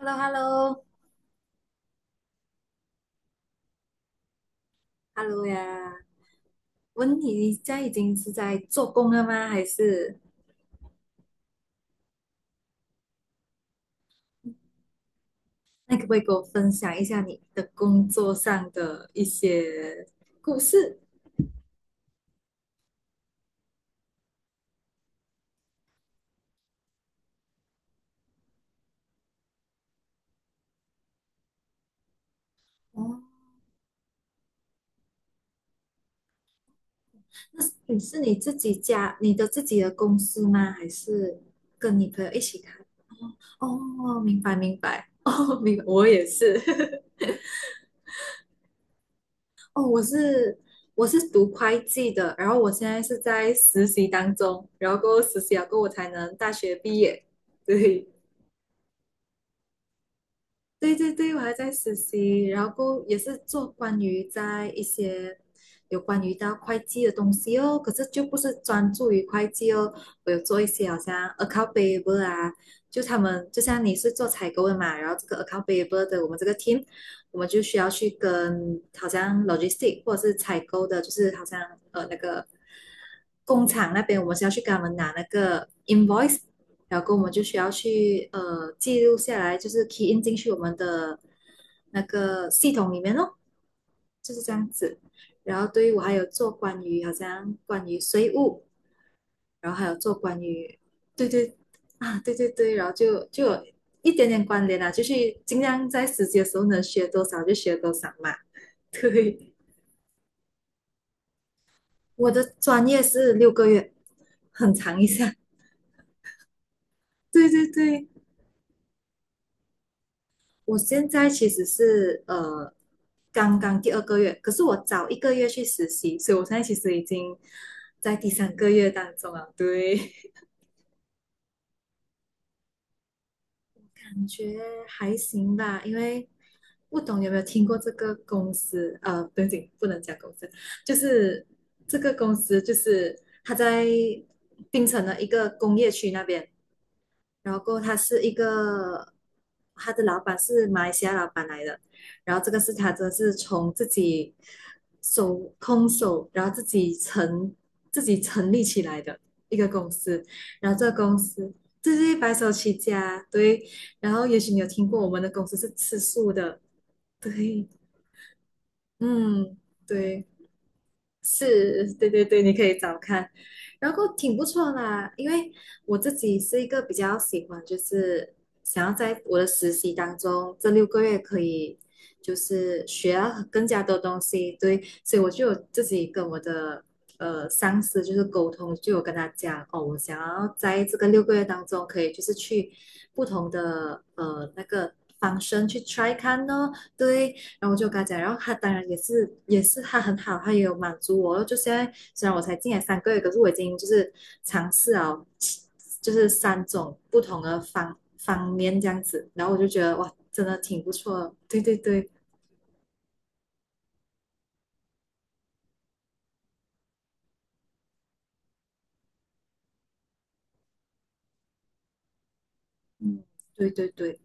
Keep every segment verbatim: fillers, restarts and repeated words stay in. h e l l o h e l l o h e l l o 呀！问你，你现在已经是在做工了吗？还是那可不可以给我分享一下你的工作上的一些故事？哦，那是你是你自己家，你的自己的公司吗？还是跟你朋友一起开？哦，明白明白，哦，明白我也是。哦，我是我是读会计的，然后我现在是在实习当中，然后过后实习了过后我才能大学毕业。对。对对对，我还在实习，然后也是做关于在一些有关于到会计的东西哦，可是就不是专注于会计哦，我有做一些好像 account payable 啊，就他们就像你是做采购的嘛，然后这个 account payable 的我们这个 team，我们就需要去跟好像 logistic 或者是采购的，就是好像呃那个工厂那边，我们是要去跟他们拿那个 invoice。然后我们就需要去呃记录下来，就是 key in 进去我们的那个系统里面哦，就是这样子。然后对于我还有做关于好像关于税务，然后还有做关于对对啊对对对，然后就就有一点点关联啦、啊就是尽量在实习的时候能学多少就学多少嘛。对，我的专业是六个月，很长一下。对对对。我现在其实是呃刚刚第二个月，可是我早一个月去实习，所以我现在其实已经在第三个月当中了。对，感觉还行吧，因为不懂有没有听过这个公司？呃，不用不能讲公司，就是这个公司就是它在槟城的一个工业区那边，然后过后他是一个，他的老板是马来西亚老板来的，然后这个是他这是从自己手空手，然后自己成自己成立起来的一个公司，然后这个公司这是白手起家，对，然后也许你有听过我们的公司是吃素的，对，嗯，对，是，对对对，你可以找看，然后挺不错啦。因为我自己是一个比较喜欢，就是想要在我的实习当中，这六个月可以就是学到更加多东西，对，所以我就有自己跟我的呃上司就是沟通，就有跟他讲，哦，我想要在这个六个月当中，可以就是去不同的呃那个。方生去 try 看哦，对，然后我就跟他讲，然后他当然也是也是他很好，他也有满足我。就现在虽然我才进来三个月，可是我已经就是尝试了，就是三种不同的方方面这样子，然后我就觉得哇，真的挺不错的。对对对，嗯，对对对，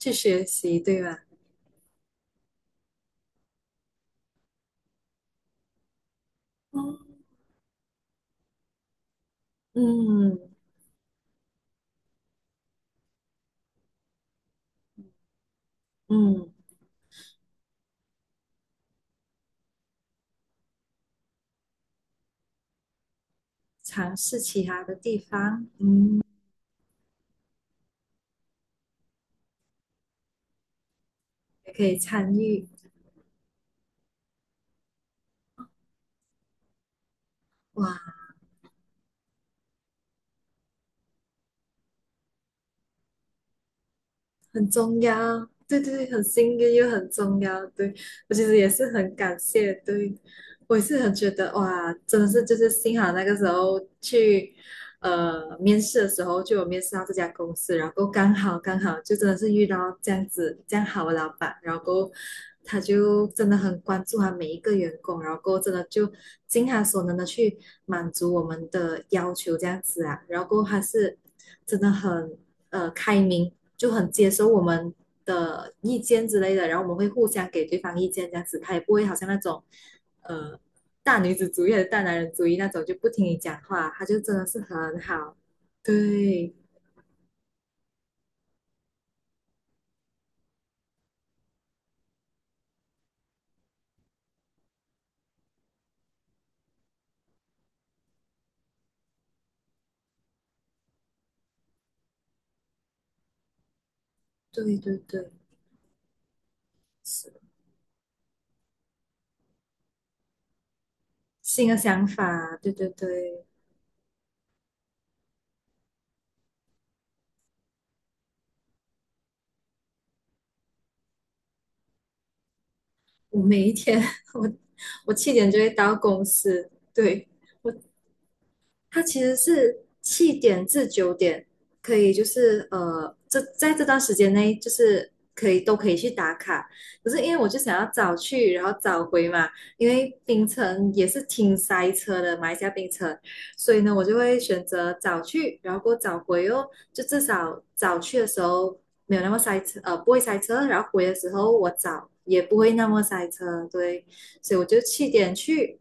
去学习对吧？嗯嗯，嗯尝试其他的地方，嗯，也可以参与。哇，很重要，对对对，很幸运又很重要，对，我其实也是很感谢，对，我也是很觉得哇，真的是就是幸好那个时候去呃面试的时候就有面试到这家公司，然后刚好刚好就真的是遇到这样子这样好的老板，然后他就真的很关注他每一个员工，然后真的就尽他所能的去满足我们的要求这样子啊，然后他是真的很呃开明，就很接受我们的意见之类的，然后我们会互相给对方意见，这样子，他也不会好像那种，呃，大女子主义的大男人主义那种，就不听你讲话，他就真的是很好。对，对对对，是新的想法，对对对。我每一天，我我七点就会到公司，对，我它其实是七点至九点，可以就是呃，这在这段时间内就是可以都可以去打卡。可是因为我就想要早去，然后早回嘛，因为槟城也是挺塞车的，马来西亚槟城，所以呢，我就会选择早去，然后过早回哦，就至少早去的时候没有那么塞车，呃，不会塞车，然后回的时候我早也不会那么塞车，对，所以我就七点去。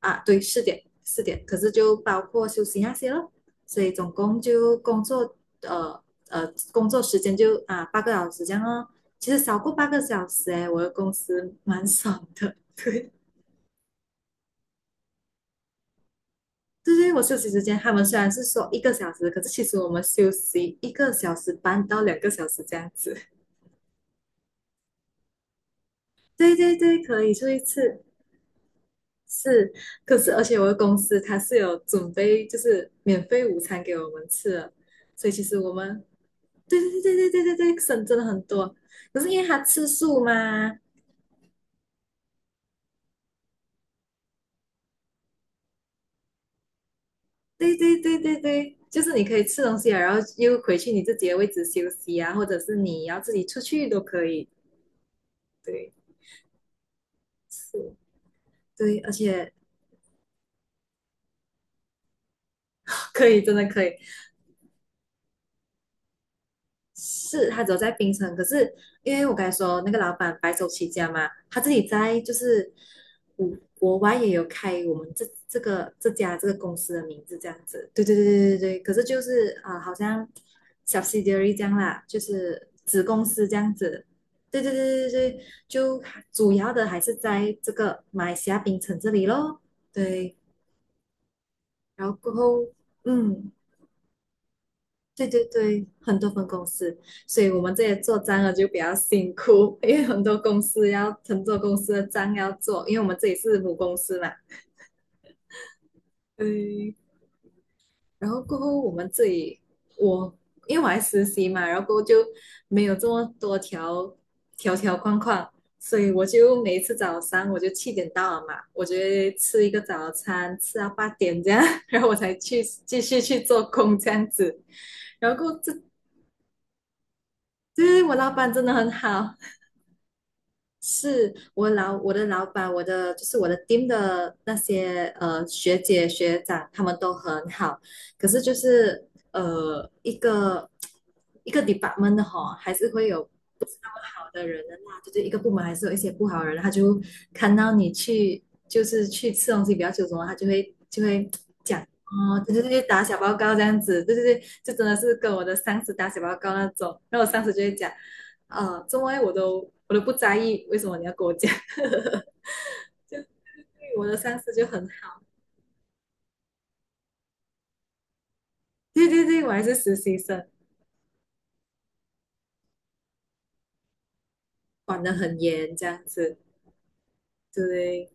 啊，对，四点四点，可是就包括休息那些咯，所以总共就工作呃呃工作时间就啊八个小时这样哦。其实少过八个小时诶，我的公司蛮爽的，对。就是我休息时间，他们虽然是说一个小时，可是其实我们休息一个小时半到两个小时这样子。对对对，可以出一次是，可是而且我的公司它是有准备就是免费午餐给我们吃的，所以其实我们对对对对对对对，省真的很多。可是因为他吃素嘛，对对对对对，就是你可以吃东西啊，然后又回去你自己的位置休息啊，或者是你要自己出去都可以。对，是，对，而且可以，真的可以。是他只有在槟城，可是因为我刚才说那个老板白手起家嘛，他自己在就是国国外也有开我们这这个这家这个公司的名字这样子，对对对对对对，可是就是啊、呃好像 subsidiary 这样啦，就是子公司这样子，对对对对对，就主要的还是在这个马来西亚槟城这里咯，对，然后过后嗯，对对对，很多分公司，所以我们这些做账的就比较辛苦，因为很多公司要很多公司的账要做，因为我们这里是母公司嘛，嗯，然后过后我们这里我因为我还实习嘛，然后过后就没有这么多条条条框框，所以我就每一次早上我就七点到了嘛，我就会吃一个早餐，吃到八点这样，然后我才去继续去做工这样子。然后过后这就是我老板真的很好，是我老我的老板，我的就是我的 team 的那些呃学姐学长，他们都很好。可是就是呃一个一个 department 的哈，还是会有好的人的啦，就是一个部门还是有一些不好的人，他就看到你去就是去吃东西比较久什么，他就会就会讲哦，对对对，打小报告这样子，对对对，就真的是跟我的上司打小报告那种，然后我上司就会讲，呃，怎么会我都我都不在意，为什么你要跟我讲？就对我的上司就很好，对对对，我还是实习生，管得很严这样子，对。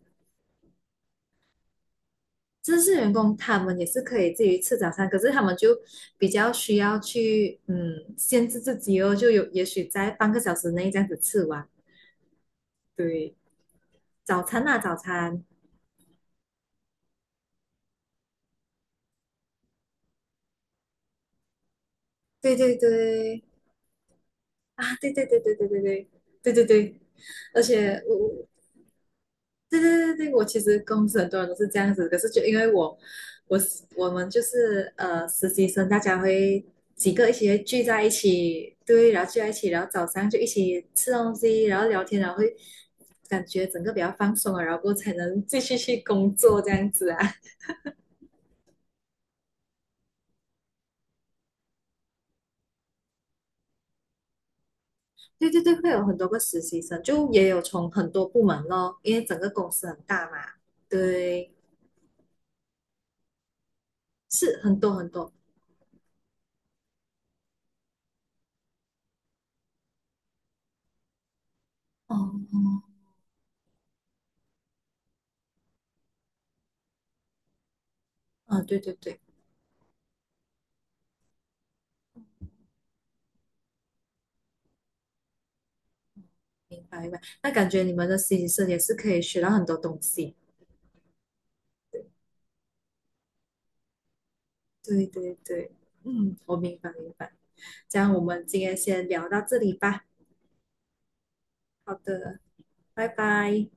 正式员工他们也是可以自己吃早餐，可是他们就比较需要去嗯限制自己哦，就有也许在半个小时内这样子吃完。对，早餐啊，早餐，对对对，啊，对对对对对对对对对对，而且我我对对对对，我其实公司很多人都是这样子，可是就因为我，我我们就是呃实习生，大家会几个一起会聚在一起，对，然后聚在一起，然后早上就一起吃东西，然后聊天，然后会感觉整个比较放松了，然后过后才能继续去工作这样子啊。对对对，会有很多个实习生，就也有从很多部门咯，因为整个公司很大嘛，对，是很多很多，哦，哦，啊对对对。明白明白。那感觉你们的实习生也是可以学到很多东西。对对对，嗯，我明白明白。这样我们今天先聊到这里吧。好的，拜拜。